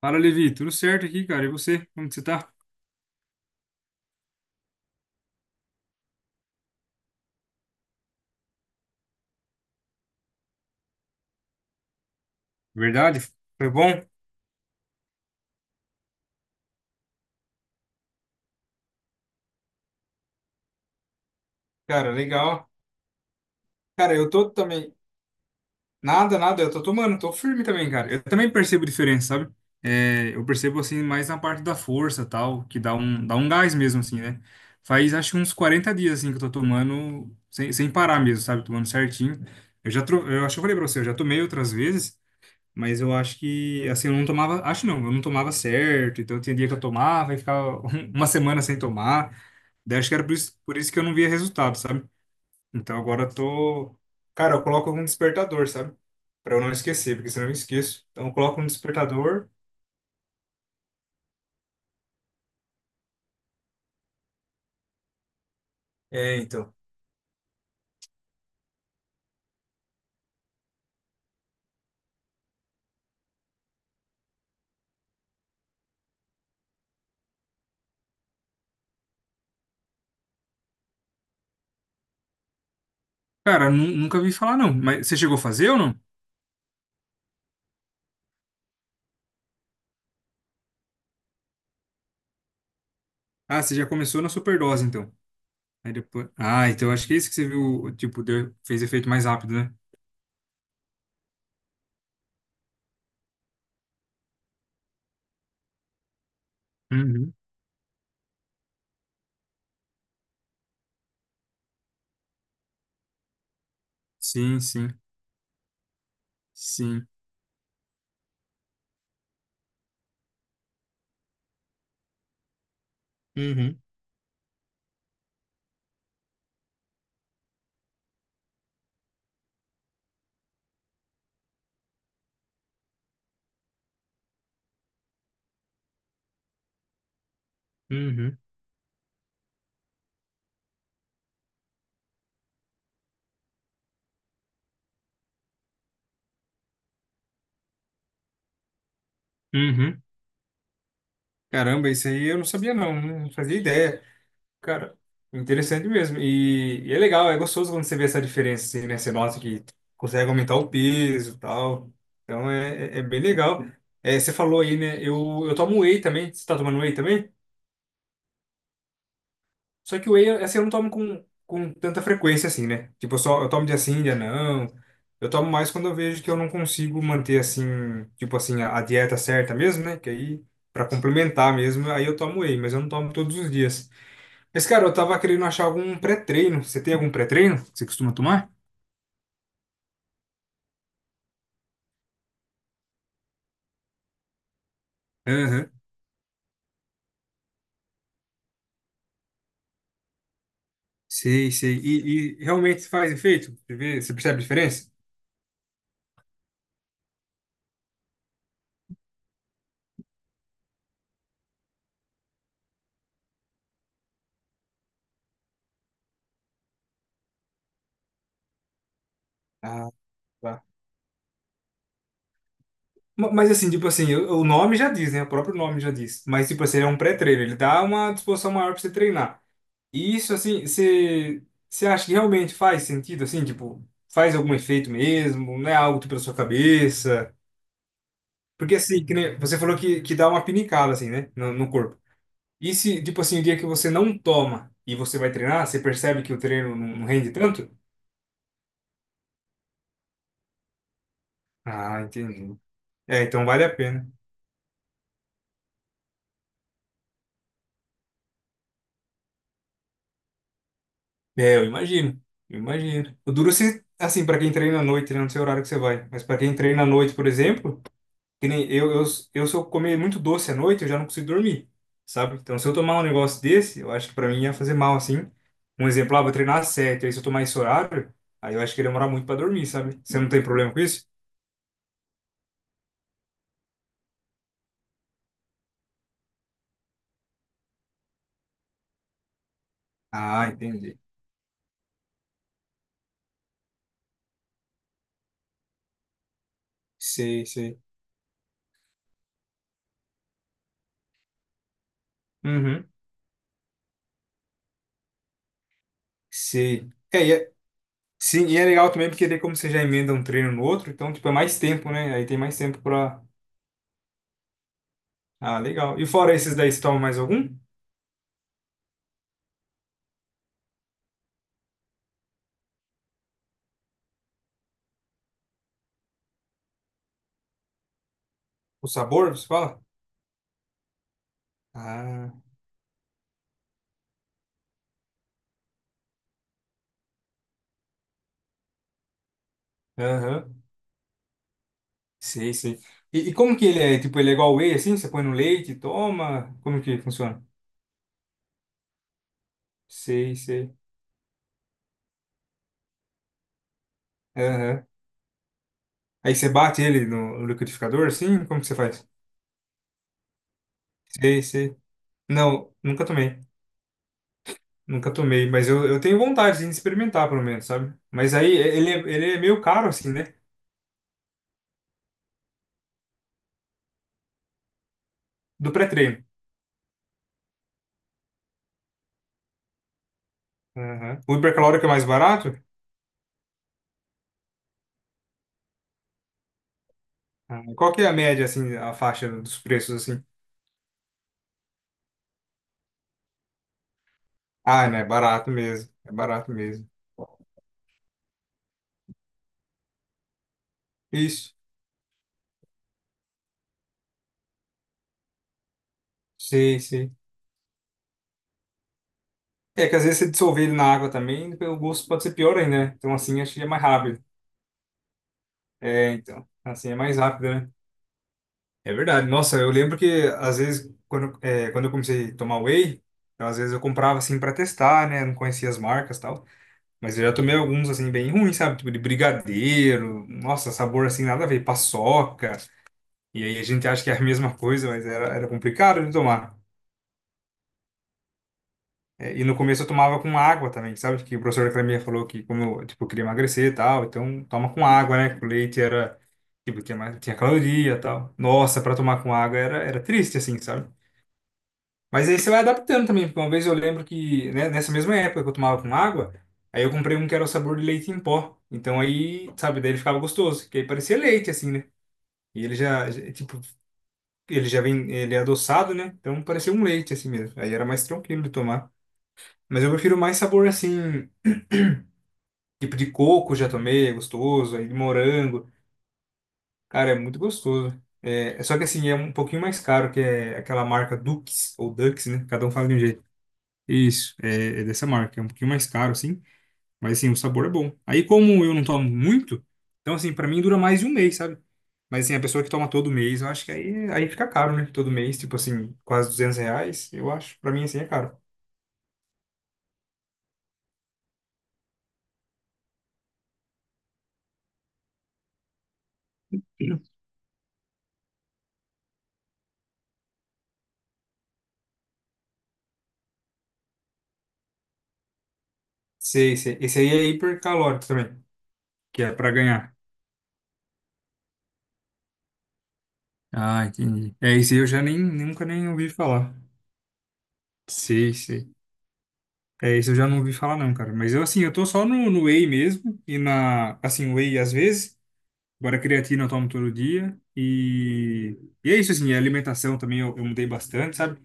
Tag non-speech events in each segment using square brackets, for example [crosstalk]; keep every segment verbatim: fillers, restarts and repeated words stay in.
Fala, Levi, tudo certo aqui, cara? E você? Como que você tá? Verdade? Foi bom? Cara, legal. Cara, eu tô também. Nada, nada, eu tô tomando, tô firme também, cara. Eu também percebo diferença, sabe? É, eu percebo assim mais na parte da força, tal, que dá um, dá um gás mesmo, assim, né? Faz acho uns quarenta dias assim que eu tô tomando sem, sem parar mesmo, sabe? Tomando certinho. Eu já tro... eu acho que eu falei pra você, eu já tomei outras vezes. Mas eu acho que, assim, eu não tomava, acho não, eu não tomava certo, então tinha dia que eu tomava e ficava [laughs] uma semana sem tomar. Daí acho que era por isso, por isso que eu não via resultado, sabe? Então agora eu tô. Cara, eu coloco um despertador, sabe? Pra eu não esquecer, porque senão eu esqueço. Então eu coloco um despertador. É, então. Cara, nu- nunca vi falar não. Mas você chegou a fazer ou não? Ah, você já começou na superdose, então. Aí depois. Ah, então acho que é isso que você viu, tipo, deu, fez efeito mais rápido, né? Uhum. Sim, sim, sim. Uhum. Uhum. Uhum. Caramba, isso aí eu não sabia não, né? Não fazia ideia. Cara, interessante mesmo. E, e é legal, é gostoso quando você vê essa diferença, assim, né? Você nota que consegue aumentar o peso e tal. Então é, é é bem legal. É, você falou aí, né? Eu, eu tomo whey também. Você tá tomando whey também? Só que o whey, assim, eu não tomo com, com tanta frequência assim, né? Tipo, eu só eu tomo dia sim, dia não. Eu tomo mais quando eu vejo que eu não consigo manter assim, tipo assim, a, a dieta certa mesmo, né? Que aí para complementar mesmo, aí eu tomo whey, mas eu não tomo todos os dias. Mas cara, eu tava querendo achar algum pré-treino. Você tem algum pré-treino que você costuma tomar? Aham. Sei, sei. E, e realmente faz efeito? Você vê, você percebe a diferença? Ah, tá. Ma- Mas assim, tipo assim, o o nome já diz, né? O próprio nome já diz. Mas, tipo assim, ele é um pré-treino, ele dá uma disposição maior pra você treinar. E isso, assim, você, você acha que realmente faz sentido, assim, tipo, faz algum efeito mesmo? Não é algo tipo da sua cabeça? Porque, assim, que nem- você falou que, que dá uma pinicada, assim, né? No, no corpo. E se, tipo assim, o dia que você não toma e você vai treinar, você percebe que o treino não não rende tanto? Ah, entendi. É, então vale a pena. É, eu imagino. Eu imagino. O duro se, assim, para quem treina à noite, né? Não sei o horário que você vai. Mas para quem treina à noite, por exemplo, que nem eu, eu, eu, se eu comer muito doce à noite, eu já não consigo dormir, sabe? Então, se eu tomar um negócio desse, eu acho que para mim ia fazer mal, assim. Um exemplo, ah, vou treinar às sete, aí se eu tomar esse horário, aí eu acho que ia demorar muito para dormir, sabe? Você não tem problema com isso? Ah, entendi. Sei, sei. Uhum. Sei. É, e é, sim, e é legal também porque daí como você já emenda um treino no outro, então, tipo, é mais tempo, né? Aí tem mais tempo para. Ah, legal. E fora esses daí, você toma mais algum? O sabor, você fala? Ah, aham. Sei, sei. E, e como que ele é? Tipo, ele é igual whey, assim? Você põe no leite, e toma? Como que funciona? Sei, sei. Aham. Aí você bate ele no liquidificador, assim? Como que você faz? Sei, sei. Não, nunca tomei. Nunca tomei, mas eu, eu tenho vontade assim, de experimentar, pelo menos, sabe? Mas aí é, ele, é- ele é meio caro, assim, né? Do pré-treino. Aham. O hipercalórico é mais barato? Ah, qual que é a média, assim, a faixa dos preços, assim? Ah, não, é barato mesmo. É barato mesmo. Isso. Sim, sim. É que às vezes você dissolver ele na água também, o gosto pode ser pior ainda, né? Então assim acho que é mais rápido. É, então. Assim é mais rápido, né? É verdade. Nossa, eu lembro que às vezes, quando, é, quando eu comecei a tomar whey, então, às vezes eu comprava assim pra testar, né? Não conhecia as marcas e tal. Mas eu já tomei alguns assim bem ruins, sabe? Tipo de brigadeiro. Nossa, sabor assim nada a ver. Paçoca. E aí a gente acha que é a mesma coisa, mas era, era complicado de tomar. É, e no começo eu tomava com água também, sabe? Que o professor da academia falou que como eu, tipo, eu queria emagrecer e tal, então toma com água, né? Que o leite era, tipo, tinha, mais- tinha caloria e tal. Nossa, para tomar com água era, era triste, assim, sabe? Mas aí você vai adaptando também, porque uma vez eu lembro que, né, nessa mesma época que eu tomava com água, aí eu comprei um que era o sabor de leite em pó. Então aí, sabe, daí ele ficava gostoso, que aí parecia leite, assim, né? E ele já, já- tipo, ele já vem, ele é adoçado, né? Então parecia um leite, assim mesmo. Aí era mais tranquilo de tomar. Mas eu prefiro mais sabor assim, [clears throat] tipo de coco já tomei, é gostoso, aí de morango. Cara, é muito gostoso. É, é só que assim, é um pouquinho mais caro, que é aquela marca Dux, ou Dux, né? Cada um fala de um jeito. Isso, é, é dessa marca. É um pouquinho mais caro, assim, mas assim, o sabor é bom. Aí, como eu não tomo muito, então assim, pra mim dura mais de um mês, sabe? Mas assim, a pessoa que toma todo mês, eu acho que aí, aí fica caro, né? Todo mês, tipo assim, quase duzentos reais, eu acho. Pra mim, assim, é caro. Sei, sei. Esse aí é hipercalórico também, que é pra ganhar. Ah, entendi. É, isso aí eu já nem, nunca nem ouvi falar. Sei, sei. É, isso eu já não ouvi falar não, cara. Mas eu, assim, eu tô só no, no whey mesmo. E na, assim, whey às vezes. Agora creatina eu tomo todo dia. E, e é isso, assim, a alimentação também eu, eu mudei bastante, sabe?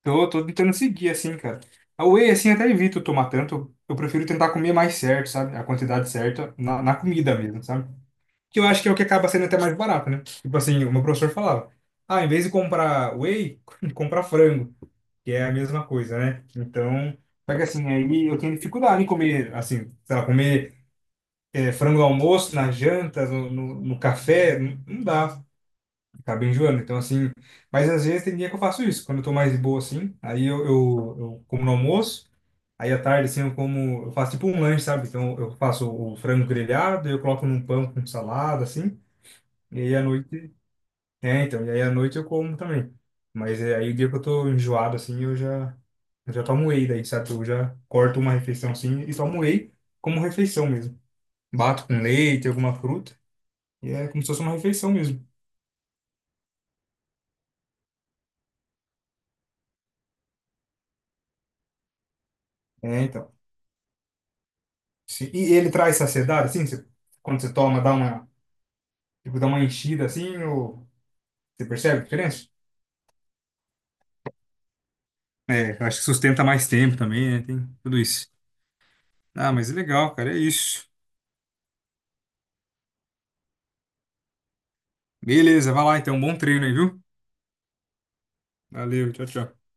Então eu tô tentando seguir, assim, cara. A whey, assim, até evito tomar tanto. Eu prefiro tentar comer mais certo, sabe? A quantidade certa na, na comida mesmo, sabe? Que eu acho que é o que acaba sendo até mais barato, né? Tipo assim, o meu professor falava, ah, em vez de comprar whey, [laughs] comprar frango, que é a mesma coisa, né? Então, só que assim, aí eu tenho dificuldade em comer, assim, sei lá, comer eh, frango no almoço, na janta, no, no, no café, não, não dá, acaba enjoando. Então, assim, mas às vezes tem dia que eu faço isso, quando eu tô mais de boa, assim, aí eu, eu, eu como no almoço. Aí à tarde, assim, eu como, eu faço tipo um lanche, sabe? Então eu faço o frango grelhado, eu coloco num pão com salada, assim, e aí à noite é, então, e aí à noite eu como também. Mas é, aí o dia que eu tô enjoado, assim, eu já, eu já tomo whey daí, sabe? Eu já corto uma refeição assim e tomo whey como refeição mesmo. Bato com leite, alguma fruta, e é como se fosse uma refeição mesmo. É, então. Se- E ele traz saciedade, assim, você- quando você toma, dá uma, tipo, dá uma enchida assim, ou você percebe a diferença? É, eu acho que sustenta mais tempo também, né? Tem tudo isso. Ah, mas é legal, cara, é isso. Beleza, vai lá então, bom treino aí, viu? Valeu, tchau, tchau.